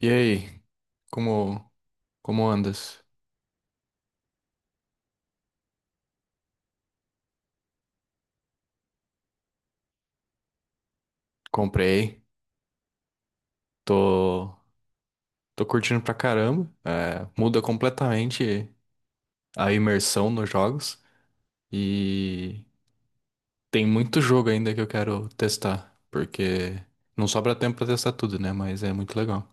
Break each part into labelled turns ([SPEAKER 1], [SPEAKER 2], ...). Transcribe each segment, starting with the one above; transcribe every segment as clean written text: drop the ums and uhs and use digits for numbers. [SPEAKER 1] E aí, como como andas? Comprei, tô tô curtindo pra caramba. É, muda completamente a imersão nos jogos e tem muito jogo ainda que eu quero testar, porque não sobra tempo pra testar tudo, né? Mas é muito legal.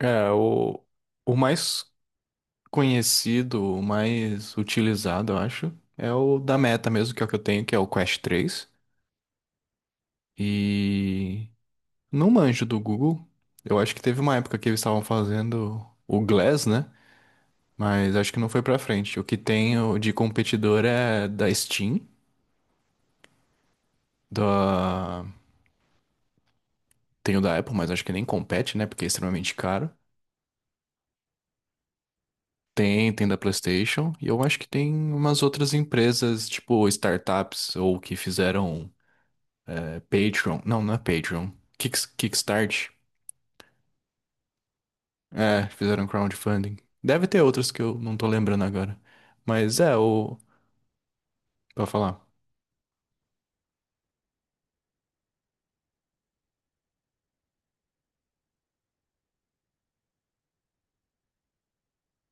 [SPEAKER 1] É, o mais conhecido, o mais utilizado, eu acho, é o da Meta mesmo, que é o que eu tenho, que é o Quest três. E não manjo do Google. Eu acho que teve uma época que eles estavam fazendo o Glass, né? Mas acho que não foi pra frente. O que tem de competidor é da Steam, da... tem o da Apple, mas acho que nem compete, né? Porque é extremamente caro. Tem, tem da PlayStation. E eu acho que tem umas outras empresas, tipo startups, ou que fizeram Patreon. Não é Patreon. Kickstart. É, fizeram crowdfunding. Deve ter outras que eu não tô lembrando agora. Mas é, o... Pra falar.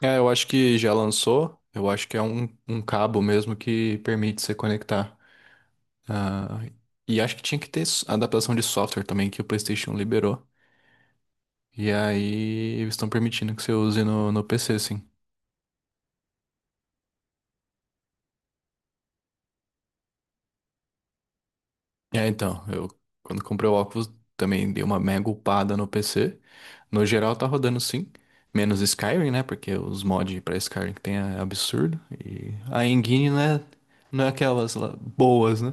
[SPEAKER 1] É, eu acho que já lançou. Eu acho que é um cabo mesmo que permite você conectar. Ah, e acho que tinha que ter adaptação de software também, que o PlayStation liberou. E aí eles estão permitindo que você use no PC, sim. É, então, eu quando comprei o óculos também dei uma mega upada no PC. No geral tá rodando sim. Menos Skyrim, né? Porque os mods pra Skyrim que tem é absurdo. E a engine, né? Não é aquelas lá boas, né?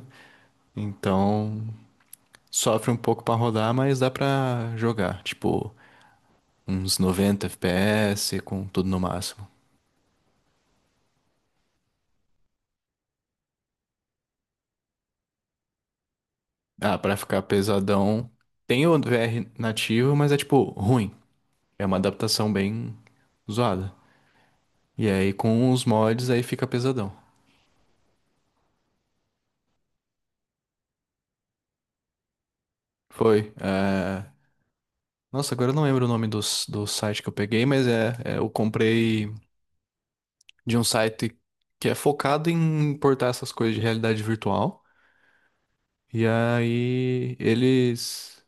[SPEAKER 1] Então, sofre um pouco pra rodar, mas dá pra jogar. Tipo, uns 90 FPS com tudo no máximo. Ah, pra ficar pesadão. Tem o VR nativo, mas é tipo ruim. É uma adaptação bem zoada. E aí com os mods aí fica pesadão. Foi. Nossa, agora eu não lembro o nome do, do site que eu peguei, mas eu comprei de um site que é focado em importar essas coisas de realidade virtual. E aí eles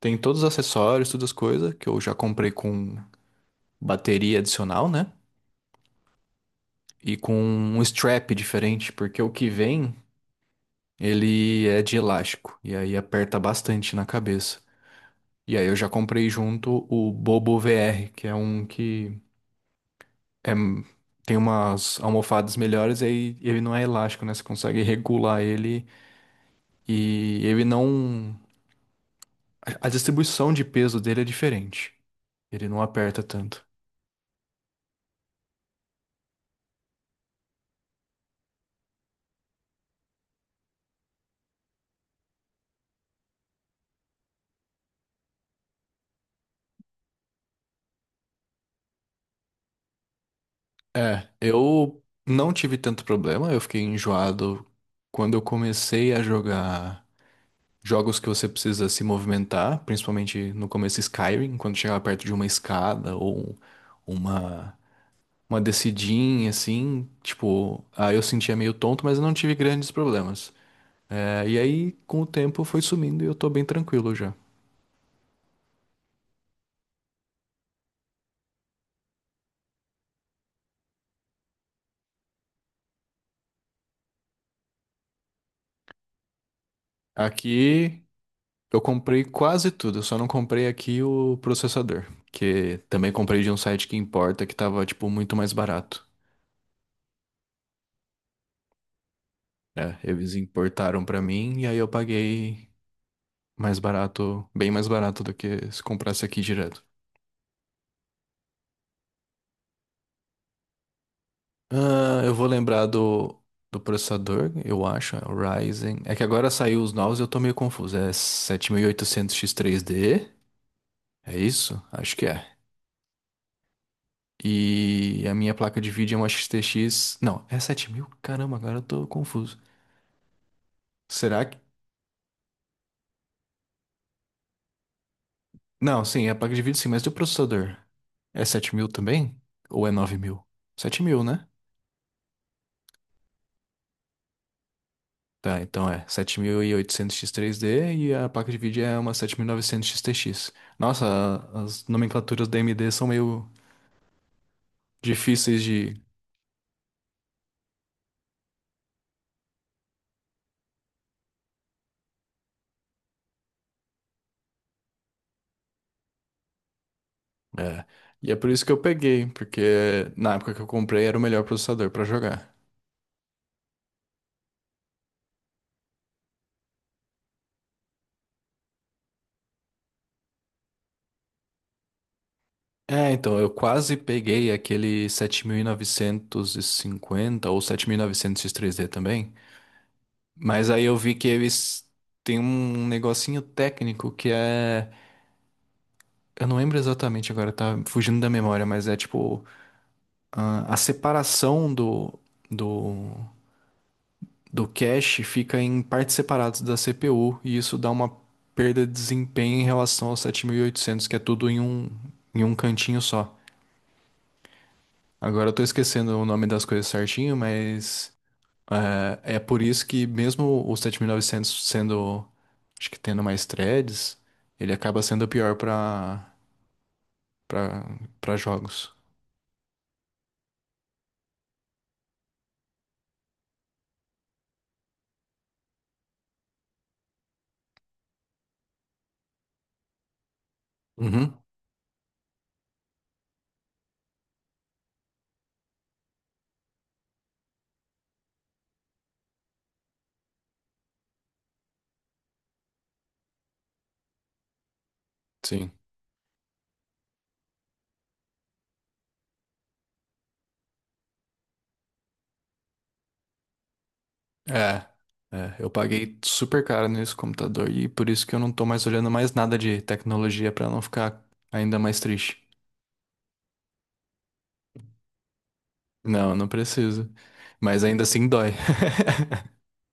[SPEAKER 1] tem todos os acessórios, todas as coisas que eu já comprei com bateria adicional, né? E com um strap diferente, porque o que vem, ele é de elástico e aí aperta bastante na cabeça. E aí eu já comprei junto o Bobo VR, que é um que é, tem umas almofadas melhores e aí ele não é elástico, né? Você consegue regular ele e ele não a distribuição de peso dele é diferente. Ele não aperta tanto. É, eu não tive tanto problema, eu fiquei enjoado quando eu comecei a jogar jogos que você precisa se movimentar, principalmente no começo Skyrim, quando chegava perto de uma escada ou uma uma descidinha assim, tipo, aí eu sentia meio tonto, mas eu não tive grandes problemas. É, e aí com o tempo foi sumindo e eu tô bem tranquilo já. Aqui eu comprei quase tudo, eu só não comprei aqui o processador, que também comprei de um site que importa que tava, tipo, muito mais barato. É, eles importaram pra mim e aí eu paguei mais barato, bem mais barato do que se comprasse aqui direto. Ah, eu vou lembrar do, do processador, eu acho, é o Ryzen. É que agora saiu os novos e eu tô meio confuso. É sete mil e oitocentos x 3 d. É isso? Acho que é. E a minha placa de vídeo é uma XTX. Não, é 7000. Caramba, agora eu tô confuso. Será que. Não, sim, é placa de vídeo sim, mas e o processador? É 7000 também? Ou é nove mil? Sete mil, né? Tá, então é sete mil e oitocentos x 3D e a placa de vídeo é uma 7900X TX. Nossa, as nomenclaturas da AMD são meio difíceis de. É. E é por isso que eu peguei, porque na época que eu comprei era o melhor processador pra jogar. É, então, eu quase peguei aquele 7950 ou sete mil e novecentos x 3 d também. Mas aí eu vi que eles têm um negocinho técnico que é. Eu não lembro exatamente agora, tá fugindo da memória, mas é tipo. A separação do, do cache fica em partes separadas da CPU, e isso dá uma perda de desempenho em relação ao 7800 que é tudo em em um cantinho só. Agora eu tô esquecendo o nome das coisas certinho, mas. É, é por isso que mesmo o 7900 sendo, acho que tendo mais threads, ele acaba sendo pior para para jogos. Uhum, sim. É, eu paguei super caro nesse computador e por isso que eu não tô mais olhando mais nada de tecnologia para não ficar ainda mais triste. Não, não preciso. Mas ainda assim dói.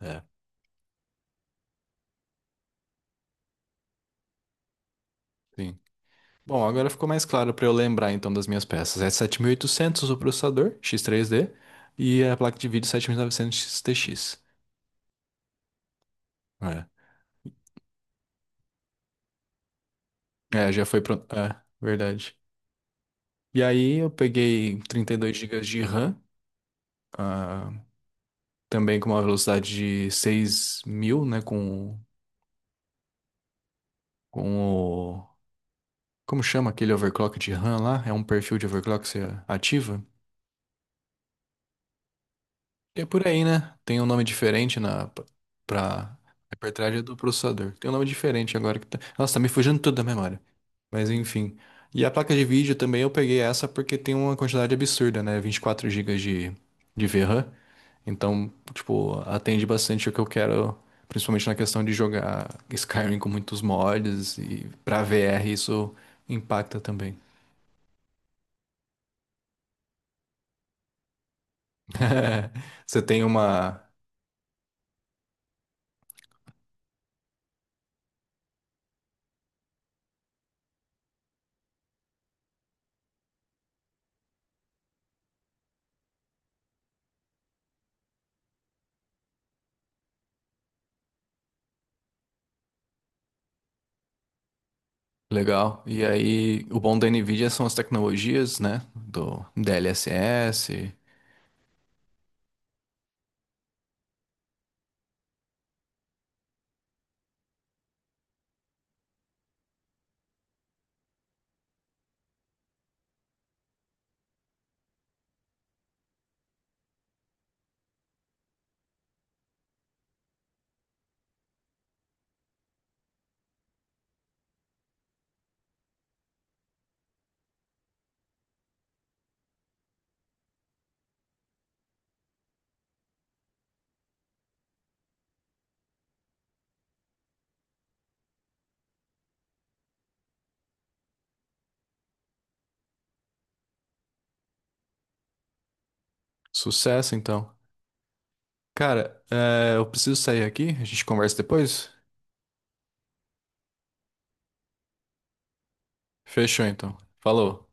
[SPEAKER 1] É. Sim. Bom, agora ficou mais claro para eu lembrar então das minhas peças. É 7800 o processador x três d e a placa de vídeo 7900 XTX. É, é já foi pronto. É, verdade. E aí eu peguei 32 gigas de RAM, ah, também com uma velocidade de 6000 né, com o... Como chama aquele overclock de RAM lá? É um perfil de overclock que você ativa? É por aí, né? Tem um nome diferente na para hiperthread do processador. Tem um nome diferente agora que tá... Nossa, tá me fugindo tudo da memória. Mas enfim. E a placa de vídeo também eu peguei essa porque tem uma quantidade absurda, né? 24 gigas de VRAM. Então, tipo, atende bastante o que eu quero, principalmente na questão de jogar Skyrim com muitos mods e pra VR isso impacta também. Você tem uma legal. E aí, o bom da NVIDIA são as tecnologias, né? Do DLSS. Sucesso, então. Cara, é, eu preciso sair aqui. A gente conversa depois? Fechou, então. Falou.